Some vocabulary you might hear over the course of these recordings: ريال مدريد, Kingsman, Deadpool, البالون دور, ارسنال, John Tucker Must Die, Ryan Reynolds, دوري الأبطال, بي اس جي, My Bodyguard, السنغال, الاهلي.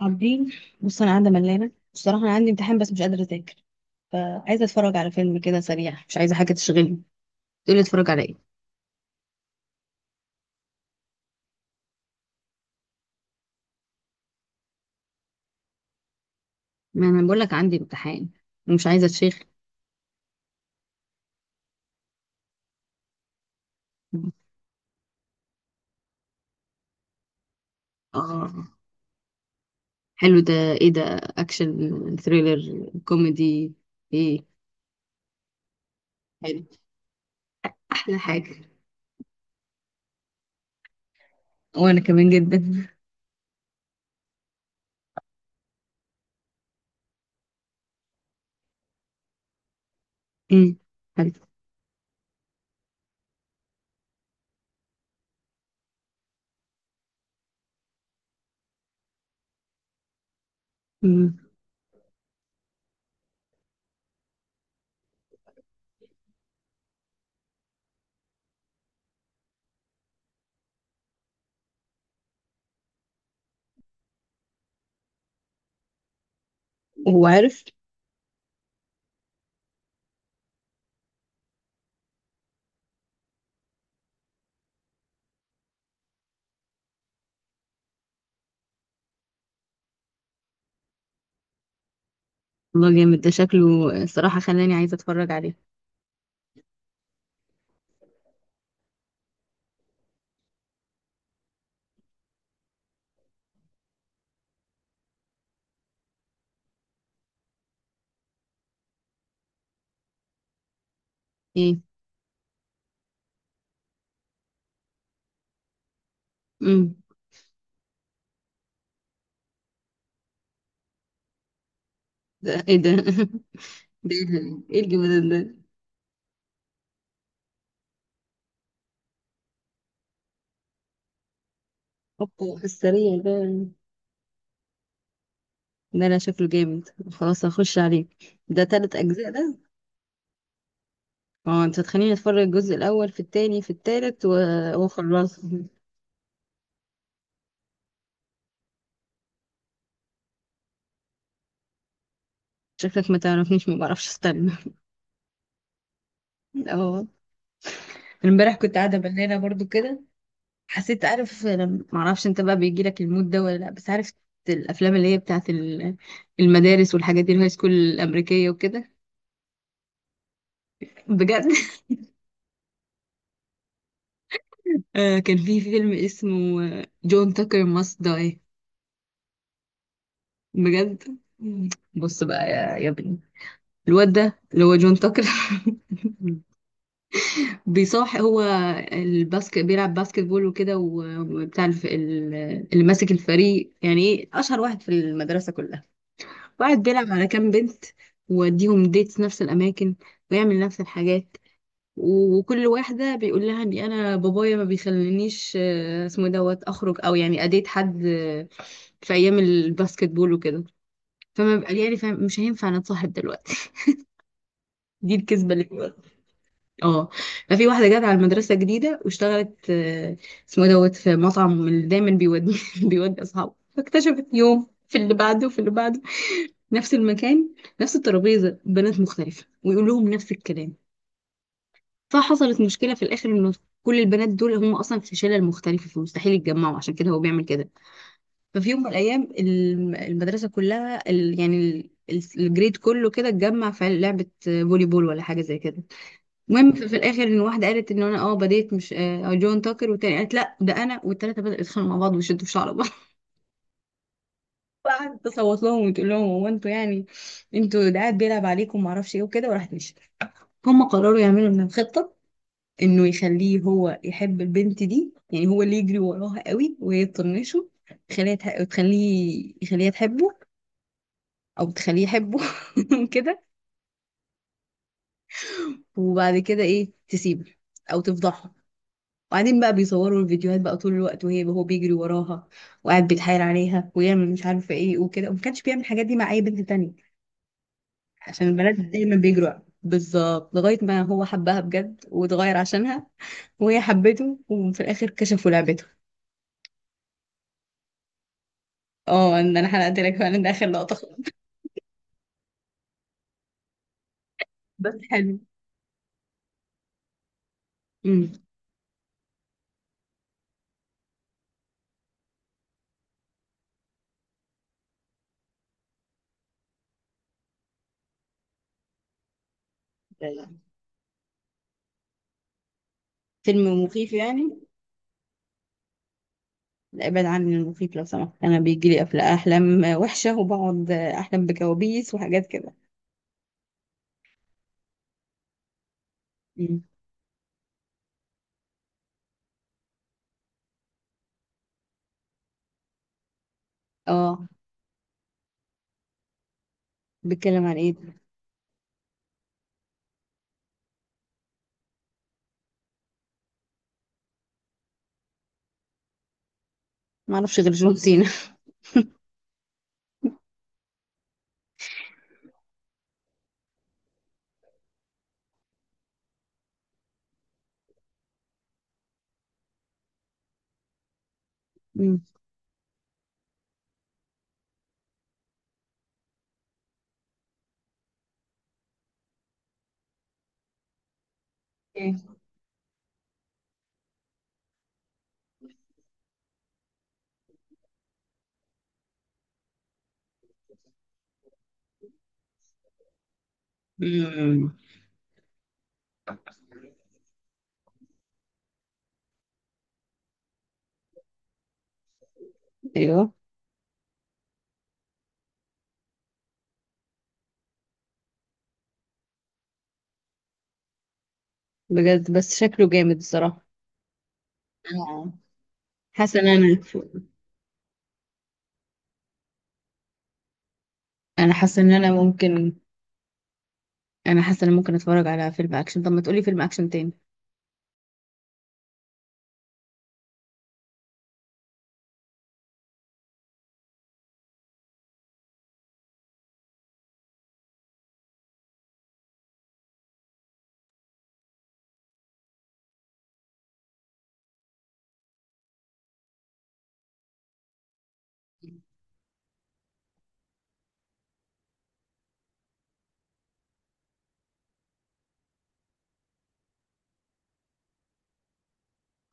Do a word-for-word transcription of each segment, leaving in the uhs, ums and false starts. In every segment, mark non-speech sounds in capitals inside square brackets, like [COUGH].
عابدين. بص انا قاعده ملانه بصراحه، انا عندي امتحان بس مش قادره اذاكر. فعايزه اتفرج على فيلم كده سريع، مش عايزه حاجه تشغلني. تقولي اتفرج على ايه؟ ما انا بقول لك عندي امتحان ومش عايزه اتشيخ. اه، حلو ده. ايه ده؟ اكشن ثريلر كوميدي؟ ايه؟ حلو. احلى حاجه. وانا كمان جدا. امم، حلو. امم. وهو عارف؟ والله جامد ده شكله، صراحه خلاني عايزه اتفرج عليه. ايه. امم. ده ايه ده؟ [LAUGHS] ده ايه ده؟ إيه الجمدان ده؟ هوبا السريع ده. ده انا شكله جامد، خلاص هخش عليه. ده تلت اجزاء ده؟ اه. انت هتخليني اتفرج الجزء الاول في التاني في التالت و... وخلاص، شكلك ما تعرفنيش، ما بعرفش استنى. اه، امبارح كنت قاعده بنانه برضو كده. حسيت، عارف لما- ما اعرفش انت بقى بيجي لك المود ده ولا لا، بس عارف؟ الافلام اللي هي بتاعت ال- المدارس والحاجات دي، الهاي سكول الامريكيه وكده. بجد؟ [LAUGHS] آه، كان في فيلم اسمه جون تاكر ماست داي. بجد. بص بقى يا, يا ابني، الواد ده اللي هو جون تاكر [LAUGHS] بيصاح هو، الباسكت بيلعب باسكت بول وكده وبتاع الف... ال- اللي ماسك الفريق، يعني ايه، اشهر واحد في المدرسه كلها. واحد بيلعب على كام بنت، ويوديهم ديتس نفس الاماكن، ويعمل نفس الحاجات. وكل واحده بيقول لها ان انا بابايا ما بيخلينيش آه، اسمه إيه دوت اخرج، او يعني اديت حد آه، في ايام الباسكت بول وكده. فما بقى يعني فاهم مش هينفع نتصاحب دلوقتي. [LAUGHS] دي الكذبه اللي في الوقت. اه. ففي واحده جت على المدرسه جديده واشتغلت آه، اسمه إيه دوت في مطعم اللي دايما بيودي [LAUGHS] بيودي اصحابه. فاكتشفت يوم في اللي بعده وفي اللي بعده، نفس المكان، نفس الترابيزه، بنات مختلفه ويقول لهم نفس الكلام. فحصلت مشكله في الاخر انه كل البنات دول هم اصلا في شلل مختلفه، فمستحيل يتجمعوا، عشان كده هو بيعمل كده. ففي يوم من الايام الم- المدرسه كلها، ال- يعني ال- ال- الجريد كله كده اتجمع في لعبه فولي بول ولا حاجه زي كده. المهم في, في الاخر ان واحده قالت ان انا اه بديت مش آه آه، جون تاكر، والتانيه قالت لا ده انا، والتلاته بدأوا يتخانقوا مع بعض ويشدوا في شعر بعض. [LAUGHS] وقعدت تصوت لهم وتقول لهم، هو انتوا يعني انتوا ده قاعد بيلعب عليكم ومعرفش ايه وكده، وراحت مشيت. هم قرروا يعملوا من خطه انه يخليه هو يحب البنت دي، يعني هو اللي يجري وراها قوي وهي تطنشه. تخليها تح- تخليه يخليها تحبه، او تخليه يحبه. [LAUGHS] كده. وبعد كده ايه، تسيبه او تفضحه. وبعدين بقى بيصوروا الفيديوهات بقى طول الوقت وهي هو بيجري وراها، وقاعد بيتحايل عليها ويعمل مش عارفه ايه وكده، وما كانش بيعمل الحاجات دي مع اي بنت تانية، عشان البنات دايما بيجروا. بالظبط، لغايه ما هو حبها بجد واتغير عشانها، وهي حبته، وفي الاخر كشفوا لعبته. اه، ان انا حرقت لك فعلا، ده اخر لقطه خالص. بس حلو. امم. فيلم مخيف يعني؟ لا، ابعد عني المخيف لو سمحت، انا بيجي لي أفل- احلام وحشه وبقعد احلم بكوابيس وحاجات كده. مم. اه، بيتكلم عن ايه؟ ما اعرفش غير جون سينا. مم. إيه؟ مم. ايوه. بجد بس شكله جامد الصراحه. آه. حاسه ان انا. انا حاسه ان انا ممكن. انا حاسه ان أنا ممكن اتفرج على فيلم اكشن. طب ما تقولي فيلم اكشن تاني؟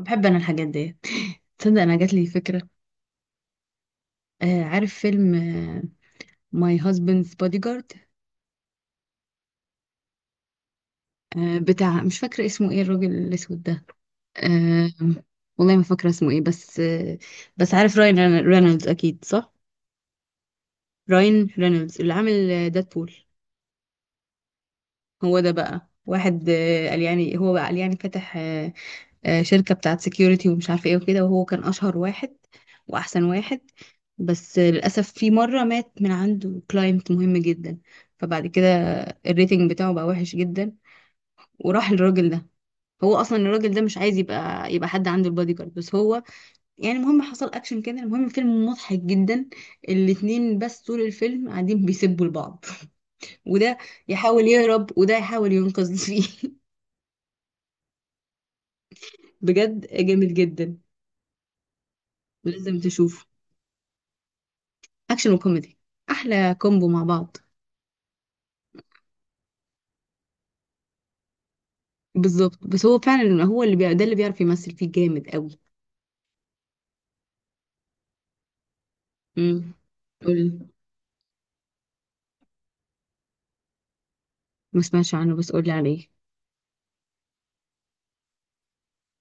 بحب انا الحاجات دي. تصدق انا جات لي فكره. آه، عارف فيلم ماي هازبندز بودي جارد؟ بتاع، مش فاكره اسمه ايه الراجل الاسود ده. آه والله ما فاكرة اسمه ايه، بس آه بس عارف راين رينا- رينولدز، اكيد صح. راين رينولدز اللي عامل ديدبول. هو ده بقى واحد، آه، قال يعني، هو بقى قال يعني فتح آه، آه، شركة بتاعت سكيورتي ومش عارفة ايه وكده، وهو كان اشهر واحد واحسن واحد. بس آه، للأسف في مرة مات من عنده كلاينت مهم جدا. فبعد كده الريتنج بتاعه بقى وحش جدا، وراح للراجل ده. هو اصلا الراجل ده مش عايز يبقى يبقى حد عنده البادي جارد، بس هو يعني، المهم حصل اكشن كده. المهم الفيلم مضحك جدا، الاتنين بس طول الفيلم قاعدين بيسبوا لبعض، وده يحاول يهرب وده يحاول ينقذ فيه. [LAUGHS] بجد جامد جدا، لازم تشوفه. اكشن وكوميدي، احلى كومبو مع بعض. بالظبط، بس هو فعلا هو اللي بي... ده اللي بيعرف يمثل فيه جامد قوي. امم. قول، ما سمعتش عنه بس قول لي عليه.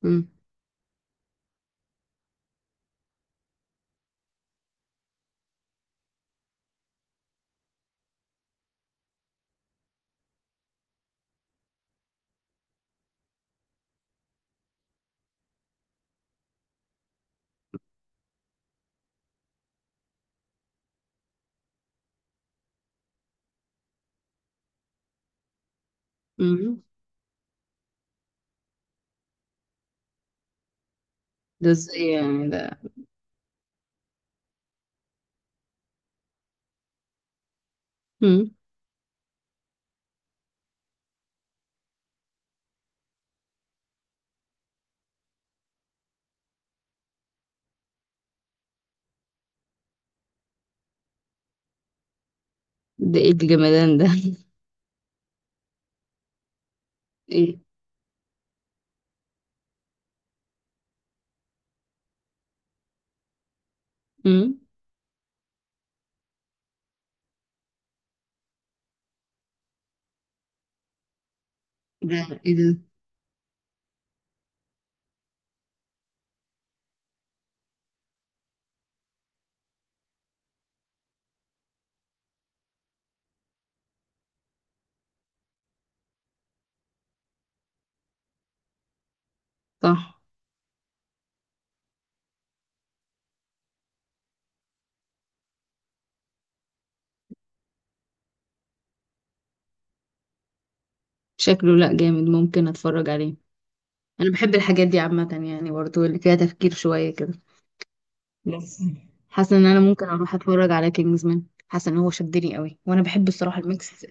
امم. امم. ده ازاي يعني ده؟ امم. ده ايه الجمدان ده؟ [LAUGHS] ايه؟ امم. ده ايه ده؟ صح. شكله، لأ جامد، ممكن اتفرج عليه. انا بحب الحاجات دي عامة يعني، برضو اللي فيها تفكير شوية كده. بس حاسة ان انا ممكن اروح اتفرج على كينجزمان، حاسة ان هو شدني قوي، وانا بحب الصراحة الميكس.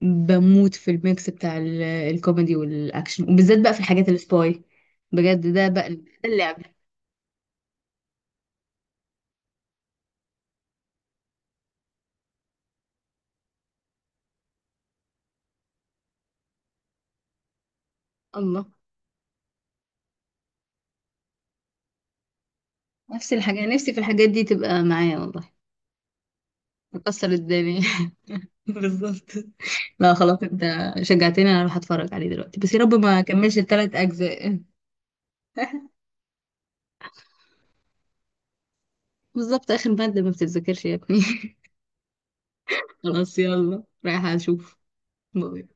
بموت في الميكس بتاع ال- الكوميدي والاكشن، وبالذات بقى في الحاجات السباي. بجد ده بقى ال- ده اللعب. الله. نفس الحاجة، نفسي في الحاجات دي تبقى معايا والله. تكسر الدنيا. [LAUGHS] بالظبط. لا خلاص، انت شجعتني انا اروح اتفرج عليه دلوقتي، بس يا رب ما كملش الثلاث اجزاء. [LAUGHS] بالظبط، آخر مادة ما بتتذاكرش يا ابني. [LAUGHS] خلاص يلا رايحة أشوف. باي.